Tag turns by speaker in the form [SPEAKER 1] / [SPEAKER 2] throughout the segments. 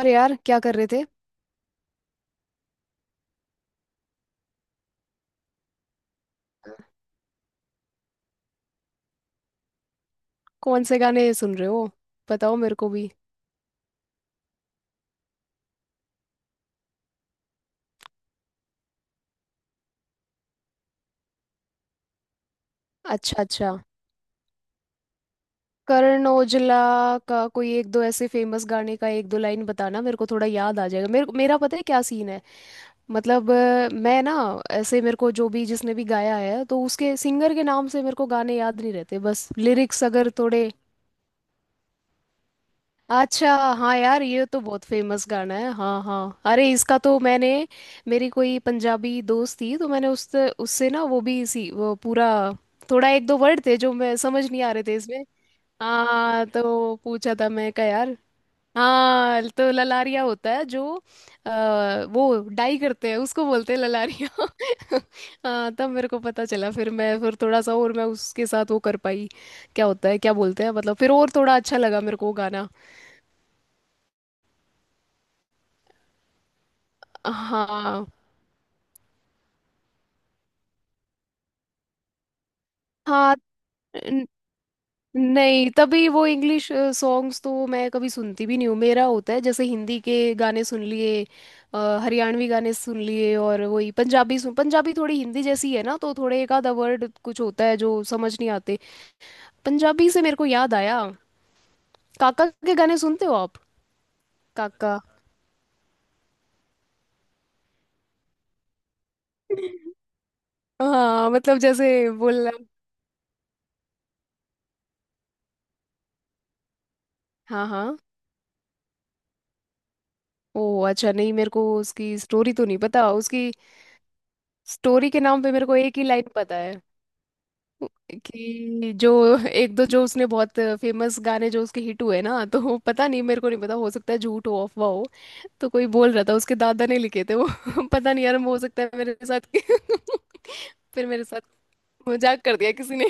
[SPEAKER 1] और यार क्या कर रहे थे? कौन से गाने सुन रहे हो? बताओ मेरे को भी। अच्छा अच्छा, करण ओजला का कोई एक दो ऐसे फेमस गाने का एक दो लाइन बताना, मेरे को थोड़ा याद आ जाएगा, मेरे मेरा पता है क्या सीन है। मतलब मैं ना ऐसे, मेरे को जो भी जिसने भी गाया है तो उसके सिंगर के नाम से मेरे को गाने याद नहीं रहते, बस लिरिक्स अगर थोड़े। अच्छा। हाँ यार, ये तो बहुत फेमस गाना है, हाँ हाँ, अरे इसका तो मैंने, मेरी कोई पंजाबी दोस्त थी तो मैंने उससे उससे ना, वो भी इसी, वो पूरा, थोड़ा एक दो वर्ड थे जो मैं समझ नहीं आ रहे थे इसमें। हाँ तो पूछा था मैं, क्या यार। हाँ तो ललारिया होता है जो वो डाई करते हैं उसको बोलते हैं ललारिया। हाँ, तब मेरे को पता चला, फिर मैं फिर थोड़ा सा और मैं उसके साथ वो कर पाई, क्या होता है क्या बोलते हैं, मतलब फिर और थोड़ा अच्छा लगा मेरे को वो गाना। हाँ हाँ। न- नहीं, तभी वो इंग्लिश सॉन्ग्स तो मैं कभी सुनती भी नहीं हूँ। मेरा होता है जैसे हिंदी के गाने सुन लिए, अ, हरियाणवी गाने सुन लिए, और वही पंजाबी सुन, पंजाबी थोड़ी हिंदी जैसी है ना तो थोड़े एक आधा वर्ड कुछ होता है जो समझ नहीं आते। पंजाबी से मेरे को याद आया, काका के गाने सुनते हो आप? काका। हाँ मतलब जैसे बोलना। हाँ हाँ। ओ अच्छा, नहीं मेरे को उसकी स्टोरी तो नहीं पता। उसकी स्टोरी के नाम पे मेरे को एक ही लाइन पता है, कि जो एक दो जो उसने बहुत फेमस गाने जो उसके हिट हुए ना, तो पता नहीं, मेरे को नहीं पता, हो सकता है झूठ हो अफवाह हो। तो कोई बोल रहा था उसके दादा ने लिखे थे वो। पता नहीं यार, हो सकता है मेरे साथ, फिर मेरे साथ मजाक कर दिया किसी ने।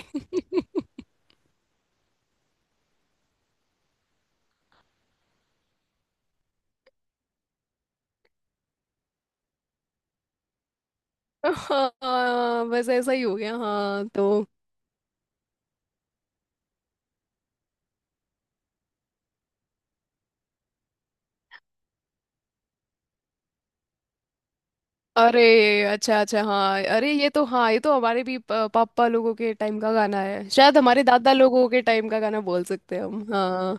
[SPEAKER 1] हाँ बस ऐसा ही हो गया, हाँ तो। अरे, अच्छा अच्छा। हाँ अरे, ये तो, हाँ ये तो हमारे भी पापा लोगों के टाइम का गाना है, शायद हमारे दादा लोगों के टाइम का गाना बोल सकते हैं हम, हाँ।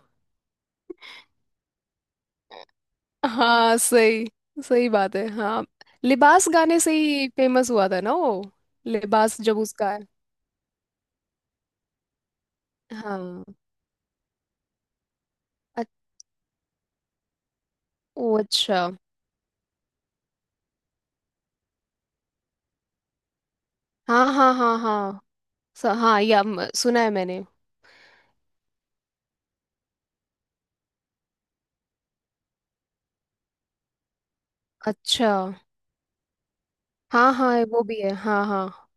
[SPEAKER 1] हाँ सही, सही बात है हाँ। लिबास गाने से ही फेमस हुआ था ना वो, लिबास जब उसका है। हाँ। अ- ओ अच्छा। हाँ हाँ हाँ हाँ। हाँ, या सुना है मैंने। अच्छा। हाँ हाँ वो भी है, हाँ हाँ।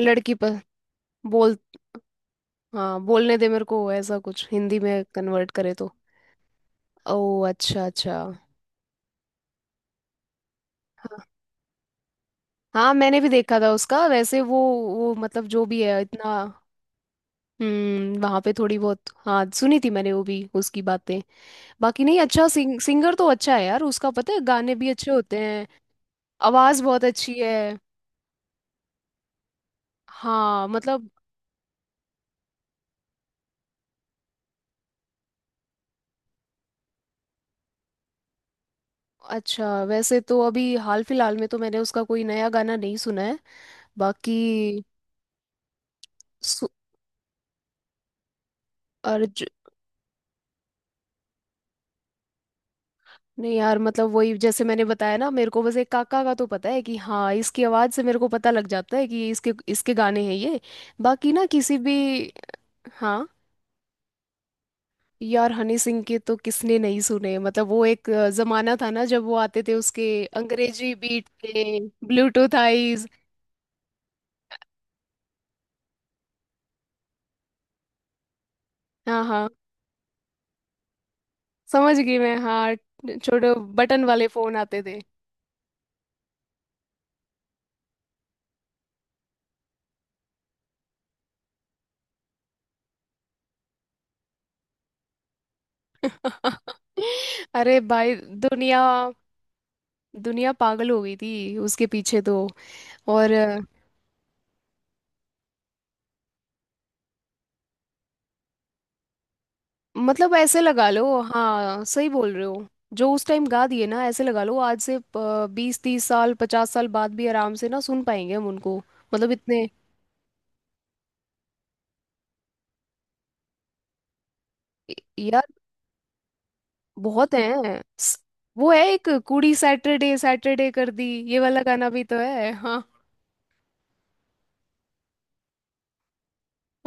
[SPEAKER 1] लड़की पर। बोल। हाँ बोलने दे, मेरे को ऐसा कुछ हिंदी में कन्वर्ट करे तो। ओ अच्छा अच्छा। हाँ हाँ मैंने भी देखा था उसका वैसे, वो मतलब जो भी है इतना। वहां पे थोड़ी बहुत हाँ सुनी थी मैंने, वो भी उसकी बातें, बाकी नहीं। अच्छा, सिंगर तो अच्छा है यार उसका, पता है गाने भी अच्छे होते हैं। आवाज बहुत अच्छी है। हाँ मतलब। अच्छा, वैसे तो अभी हाल फिलहाल में तो मैंने उसका कोई नया गाना नहीं सुना है। बाकी सु, अर्ज नहीं यार, मतलब वही जैसे मैंने बताया ना, मेरे को बस एक काका का तो पता है कि हाँ इसकी आवाज से मेरे को पता लग जाता है कि इसके इसके गाने हैं ये। बाकी ना किसी भी। हाँ यार, हनी सिंह के तो किसने नहीं सुने, मतलब वो एक जमाना था ना जब वो आते थे उसके, अंग्रेजी बीट पे। ब्लूटूथ आईज। हाँ हाँ, समझ गई मैं, हाँ। छोटे बटन वाले फोन आते थे। अरे भाई, दुनिया, दुनिया पागल हो गई थी उसके पीछे तो। और मतलब ऐसे लगा लो। हाँ सही बोल रहे हो, जो उस टाइम गा दिए ना, ऐसे लगा लो आज से 20-30 साल, 50 साल बाद भी आराम से ना सुन पाएंगे हम उनको, मतलब इतने। बहुत है। वो है एक कुड़ी सैटरडे सैटरडे कर दी, ये वाला गाना भी तो है। हाँ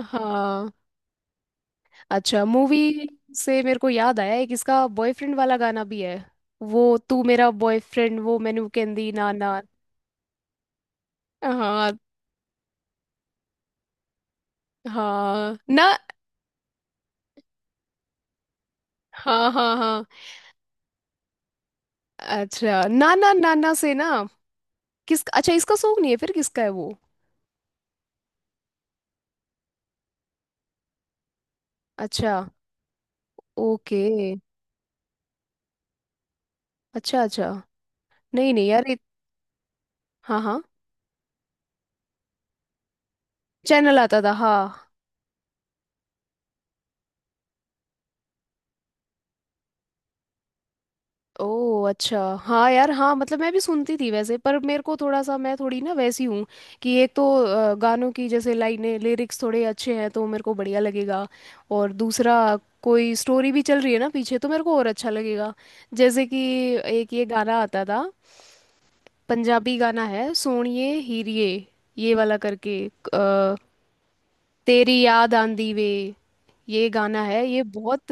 [SPEAKER 1] हाँ। अच्छा, मूवी से मेरे को याद आया, एक इसका बॉयफ्रेंड वाला गाना भी है, वो तू मेरा बॉयफ्रेंड, वो मैनू कहंदी ना ना। हाँ। हाँ ना। हाँ हाँ हाँ। अच्छा, ना ना ना ना से ना, किस अच्छा, इसका सॉन्ग नहीं है फिर, किसका है वो? अच्छा। ओके, अच्छा अच्छा। नहीं नहीं यार हाँ हाँ, चैनल आता था हाँ। ओह अच्छा, हाँ यार, हाँ मतलब मैं भी सुनती थी वैसे, पर मेरे को थोड़ा सा, मैं थोड़ी ना वैसी हूँ कि एक तो गानों की जैसे लाइनें, लिरिक्स थोड़े अच्छे हैं तो मेरे को बढ़िया लगेगा, और दूसरा कोई स्टोरी भी चल रही है ना पीछे तो मेरे को और अच्छा लगेगा। जैसे कि एक ये गाना आता था, पंजाबी गाना है, सोणिए हीरिए ये वाला करके, तेरी याद आंदी वे, ये गाना है। ये बहुत,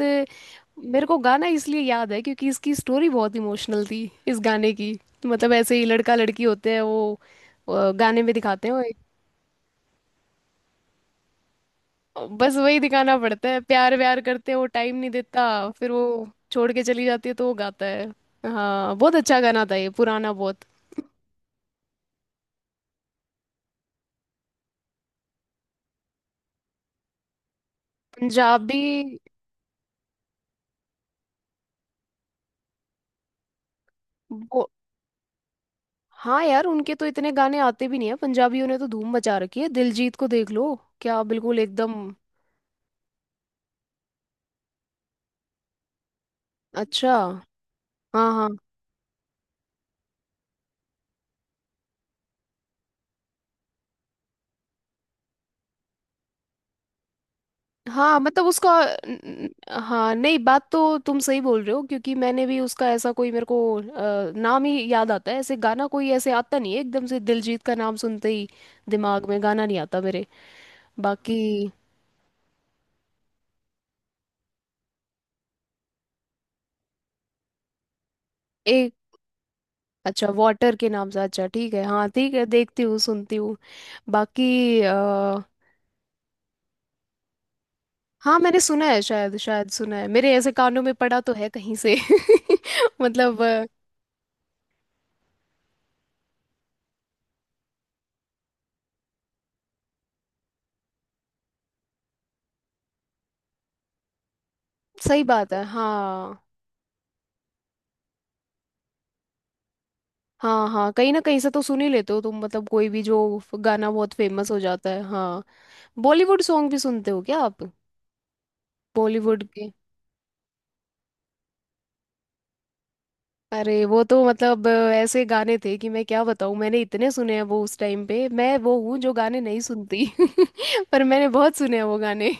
[SPEAKER 1] मेरे को गाना इसलिए याद है क्योंकि इसकी स्टोरी बहुत इमोशनल थी इस गाने की। तो मतलब ऐसे ही लड़का लड़की होते हैं वो, गाने में दिखाते हैं वो। बस वही दिखाना पड़ता है, प्यार व्यार करते हैं, वो टाइम नहीं देता, फिर वो छोड़ के चली जाती है तो वो गाता है। हाँ बहुत अच्छा गाना था ये, पुराना बहुत। पंजाबी वो, हाँ यार उनके तो इतने गाने आते भी नहीं है, पंजाबियों ने तो धूम मचा रखी है, दिलजीत को देख लो, क्या बिल्कुल एकदम। अच्छा। हाँ हाँ हाँ मतलब उसका न- हाँ, नहीं बात तो तुम सही बोल रहे हो, क्योंकि मैंने भी उसका ऐसा कोई, मेरे को नाम ही याद आता है ऐसे गाना कोई, ऐसे आता नहीं है एकदम से दिलजीत का नाम सुनते ही दिमाग में गाना नहीं आता मेरे। बाकी एक। अच्छा, वाटर के नाम से, अच्छा ठीक है, हाँ ठीक है देखती हूँ सुनती हूँ। बाकी हाँ मैंने सुना है शायद, शायद सुना है मेरे, ऐसे कानों में पड़ा तो है कहीं से। मतलब सही बात है, हाँ हाँ हाँ कहीं ना कहीं से तो सुन ही लेते हो तुम, मतलब कोई भी जो गाना बहुत फेमस हो जाता है, हाँ। बॉलीवुड सॉन्ग भी सुनते हो क्या आप? बॉलीवुड के, अरे वो तो मतलब ऐसे गाने थे कि मैं क्या बताऊँ, मैंने इतने सुने हैं वो उस टाइम पे, मैं वो हूँ जो गाने नहीं सुनती पर मैंने बहुत सुने हैं वो गाने।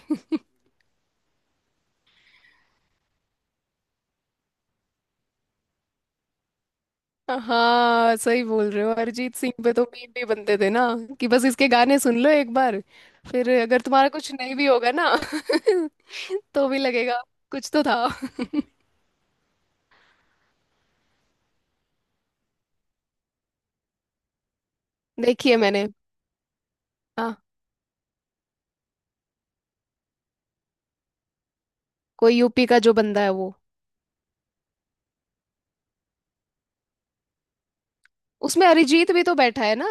[SPEAKER 1] हाँ सही बोल रहे हो, अरिजीत सिंह पे तो मीम भी बनते थे ना, कि बस इसके गाने सुन लो एक बार, फिर अगर तुम्हारा कुछ नहीं भी होगा ना तो भी लगेगा। कुछ तो था, देखिए मैंने। हाँ। कोई यूपी का जो बंदा है वो, उसमें अरिजीत भी तो बैठा है ना?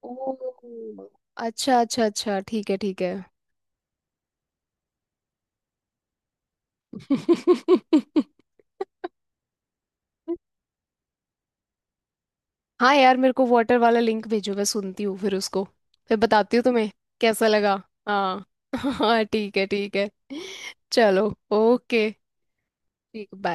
[SPEAKER 1] ओ, अच्छा अच्छा अच्छा, ठीक है ठीक है। हाँ यार, मेरे को वाटर वाला लिंक भेजो, मैं सुनती हूँ फिर उसको, फिर बताती हूँ तुम्हें कैसा लगा। हाँ। हाँ ठीक है ठीक है, चलो, ओके, ठीक, बाय।